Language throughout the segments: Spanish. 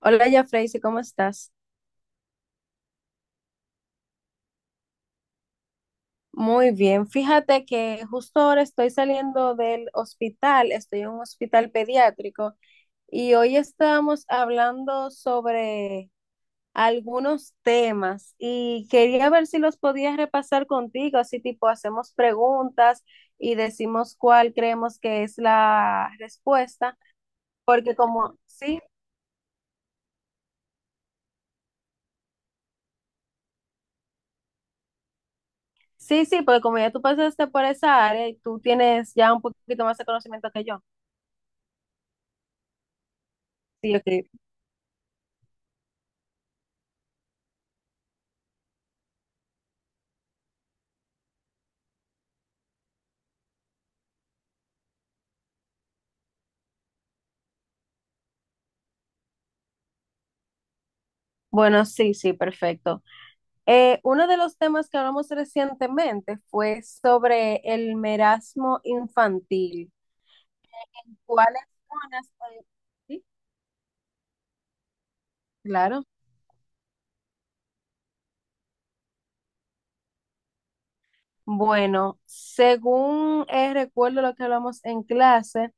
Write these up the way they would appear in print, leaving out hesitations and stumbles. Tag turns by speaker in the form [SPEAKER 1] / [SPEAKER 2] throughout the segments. [SPEAKER 1] Hola, ya Freysi, ¿cómo estás? Muy bien. Fíjate que justo ahora estoy saliendo del hospital, estoy en un hospital pediátrico y hoy estábamos hablando sobre algunos temas y quería ver si los podías repasar contigo, así tipo hacemos preguntas y decimos cuál creemos que es la respuesta, porque como sí, sí, sí, porque como ya tú pasaste por esa área y tú tienes ya un poquito más de conocimiento que yo. Sí, ok. Bueno, sí, sí, perfecto. Uno de los temas que hablamos recientemente fue sobre el merasmo infantil. ¿Cuáles zonas? Sí, claro. Bueno, según recuerdo lo que hablamos en clase,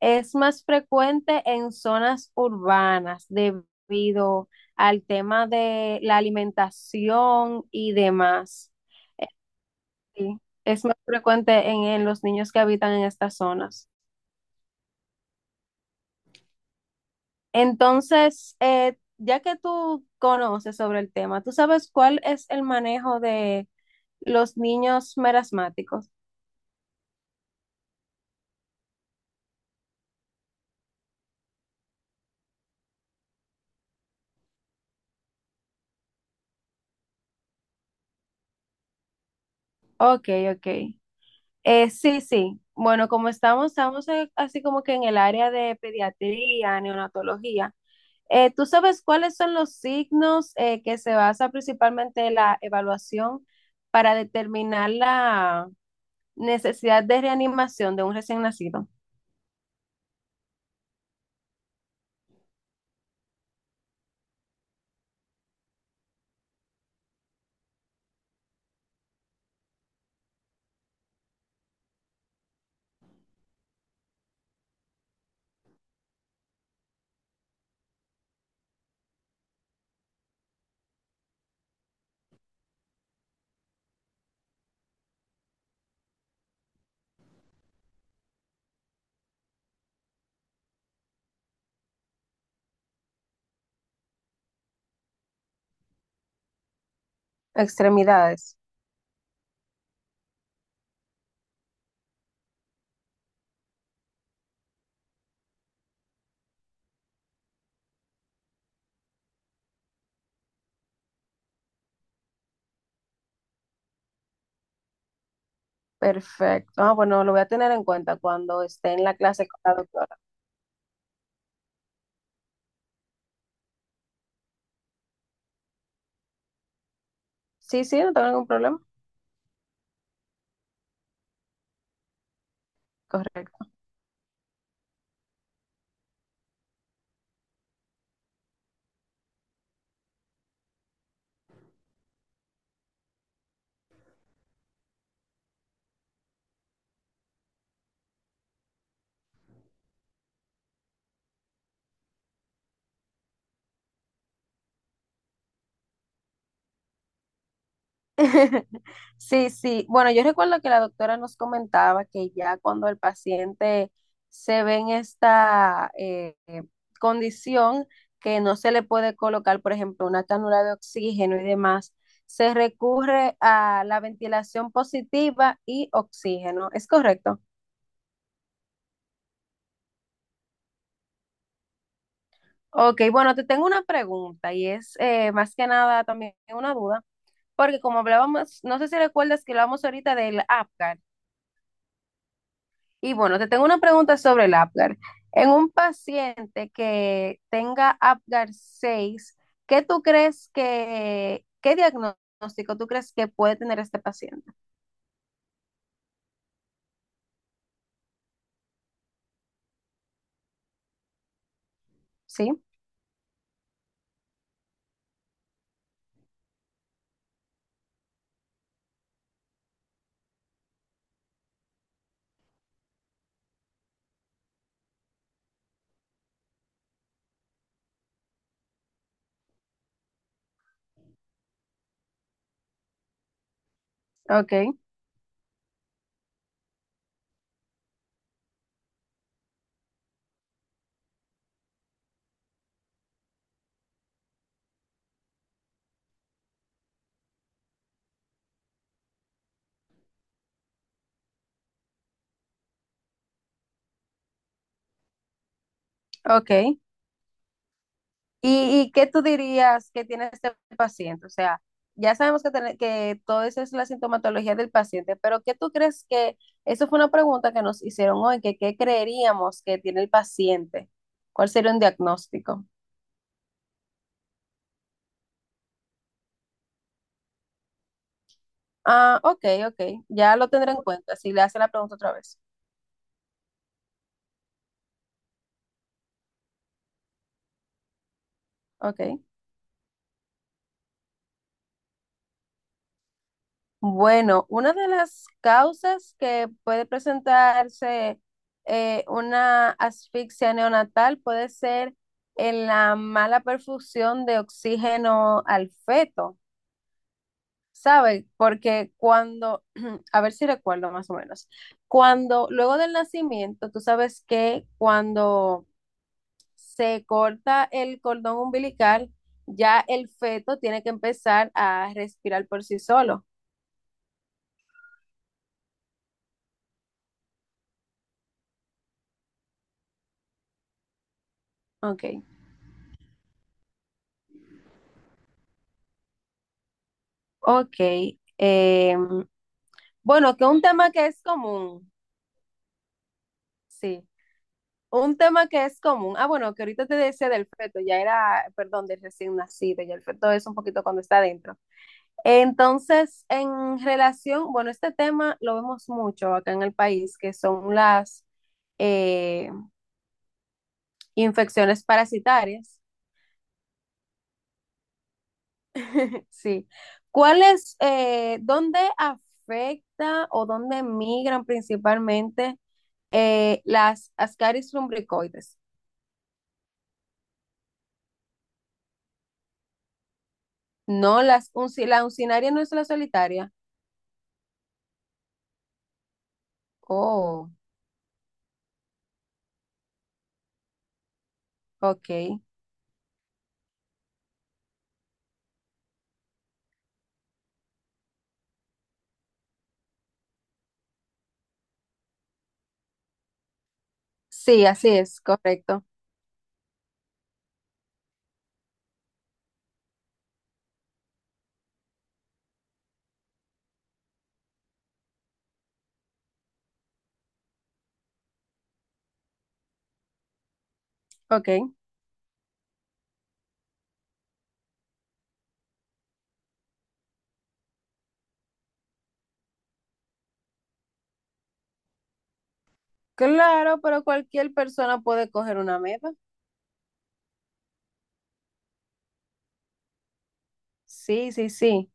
[SPEAKER 1] es más frecuente en zonas urbanas debido al tema de la alimentación y demás. Eh, sí, es más frecuente en los niños que habitan en estas zonas. Entonces, ya que tú conoces sobre el tema, ¿tú sabes cuál es el manejo de los niños merasmáticos? Ok, ok. Sí, sí. Bueno, como estamos así como que en el área de pediatría, neonatología. ¿Tú sabes cuáles son los signos que se basa principalmente la evaluación para determinar la necesidad de reanimación de un recién nacido? Extremidades. Perfecto. Ah, bueno, lo voy a tener en cuenta cuando esté en la clase con la doctora. Sí, sí, no tengo ningún problema. Correcto. Sí, sí. Bueno, yo recuerdo que la doctora nos comentaba que ya cuando el paciente se ve en esta condición que no se le puede colocar, por ejemplo, una cánula de oxígeno y demás, se recurre a la ventilación positiva y oxígeno. ¿Es correcto? Ok, bueno, te tengo una pregunta y es más que nada también una duda, porque como hablábamos, no sé si recuerdas que hablamos ahorita del Apgar, y bueno, te tengo una pregunta sobre el Apgar. En un paciente que tenga Apgar 6, ¿qué diagnóstico tú crees que puede tener este paciente? Sí, ok, ok. Y qué tú dirías que tiene este paciente? O sea, ya sabemos que, tiene- que todo eso es la sintomatología del paciente, pero ¿qué tú crees que, eso fue una pregunta que nos hicieron hoy, que qué creeríamos que tiene el paciente. ¿Cuál sería un diagnóstico? Ah, ok, ok, ya lo tendré en cuenta si le hace la pregunta otra vez. Ok. Bueno, una de las causas que puede presentarse una asfixia neonatal puede ser en la mala perfusión de oxígeno al feto, ¿sabe? Porque cuando, a ver si recuerdo más o menos, cuando luego del nacimiento, tú sabes que cuando se corta el cordón umbilical, ya el feto tiene que empezar a respirar por sí solo. Ok. Ok. eh, bueno, que un tema que es común, sí. Un tema que es común. Ah, bueno, que ahorita te decía del feto, ya era, perdón, del recién nacido, ya el feto es un poquito cuando está adentro. Entonces, en relación, bueno, este tema lo vemos mucho acá en el país, que son las eh, infecciones parasitarias. Sí. ¿Cuál es, dónde afecta o dónde migran principalmente? Las Ascaris lumbricoides. No, las la uncinaria no es la solitaria. Oh, ok. Sí, así es, correcto. Ok. Claro, pero cualquier persona puede coger una meta. Sí, sí, sí.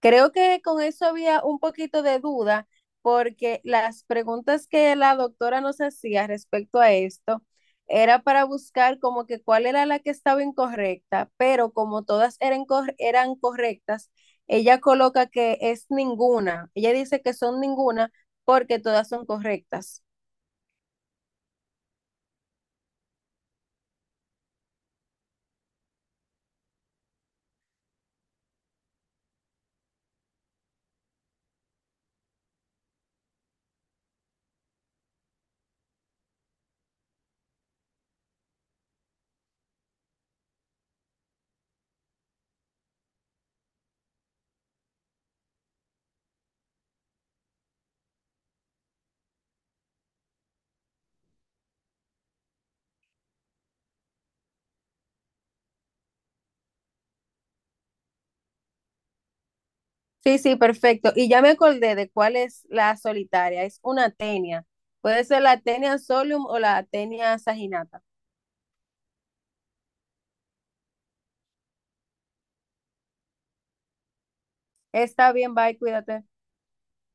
[SPEAKER 1] Creo que con eso había un poquito de duda porque las preguntas que la doctora nos hacía respecto a esto era para buscar como que cuál era la que estaba incorrecta, pero como todas eran, eran correctas, ella coloca que es ninguna. Ella dice que son ninguna porque todas son correctas. Sí, sí, perfecto. Y ya me acordé de cuál es la solitaria. Es una tenia. Puede ser la tenia solium o la tenia saginata. Está bien, bye, cuídate.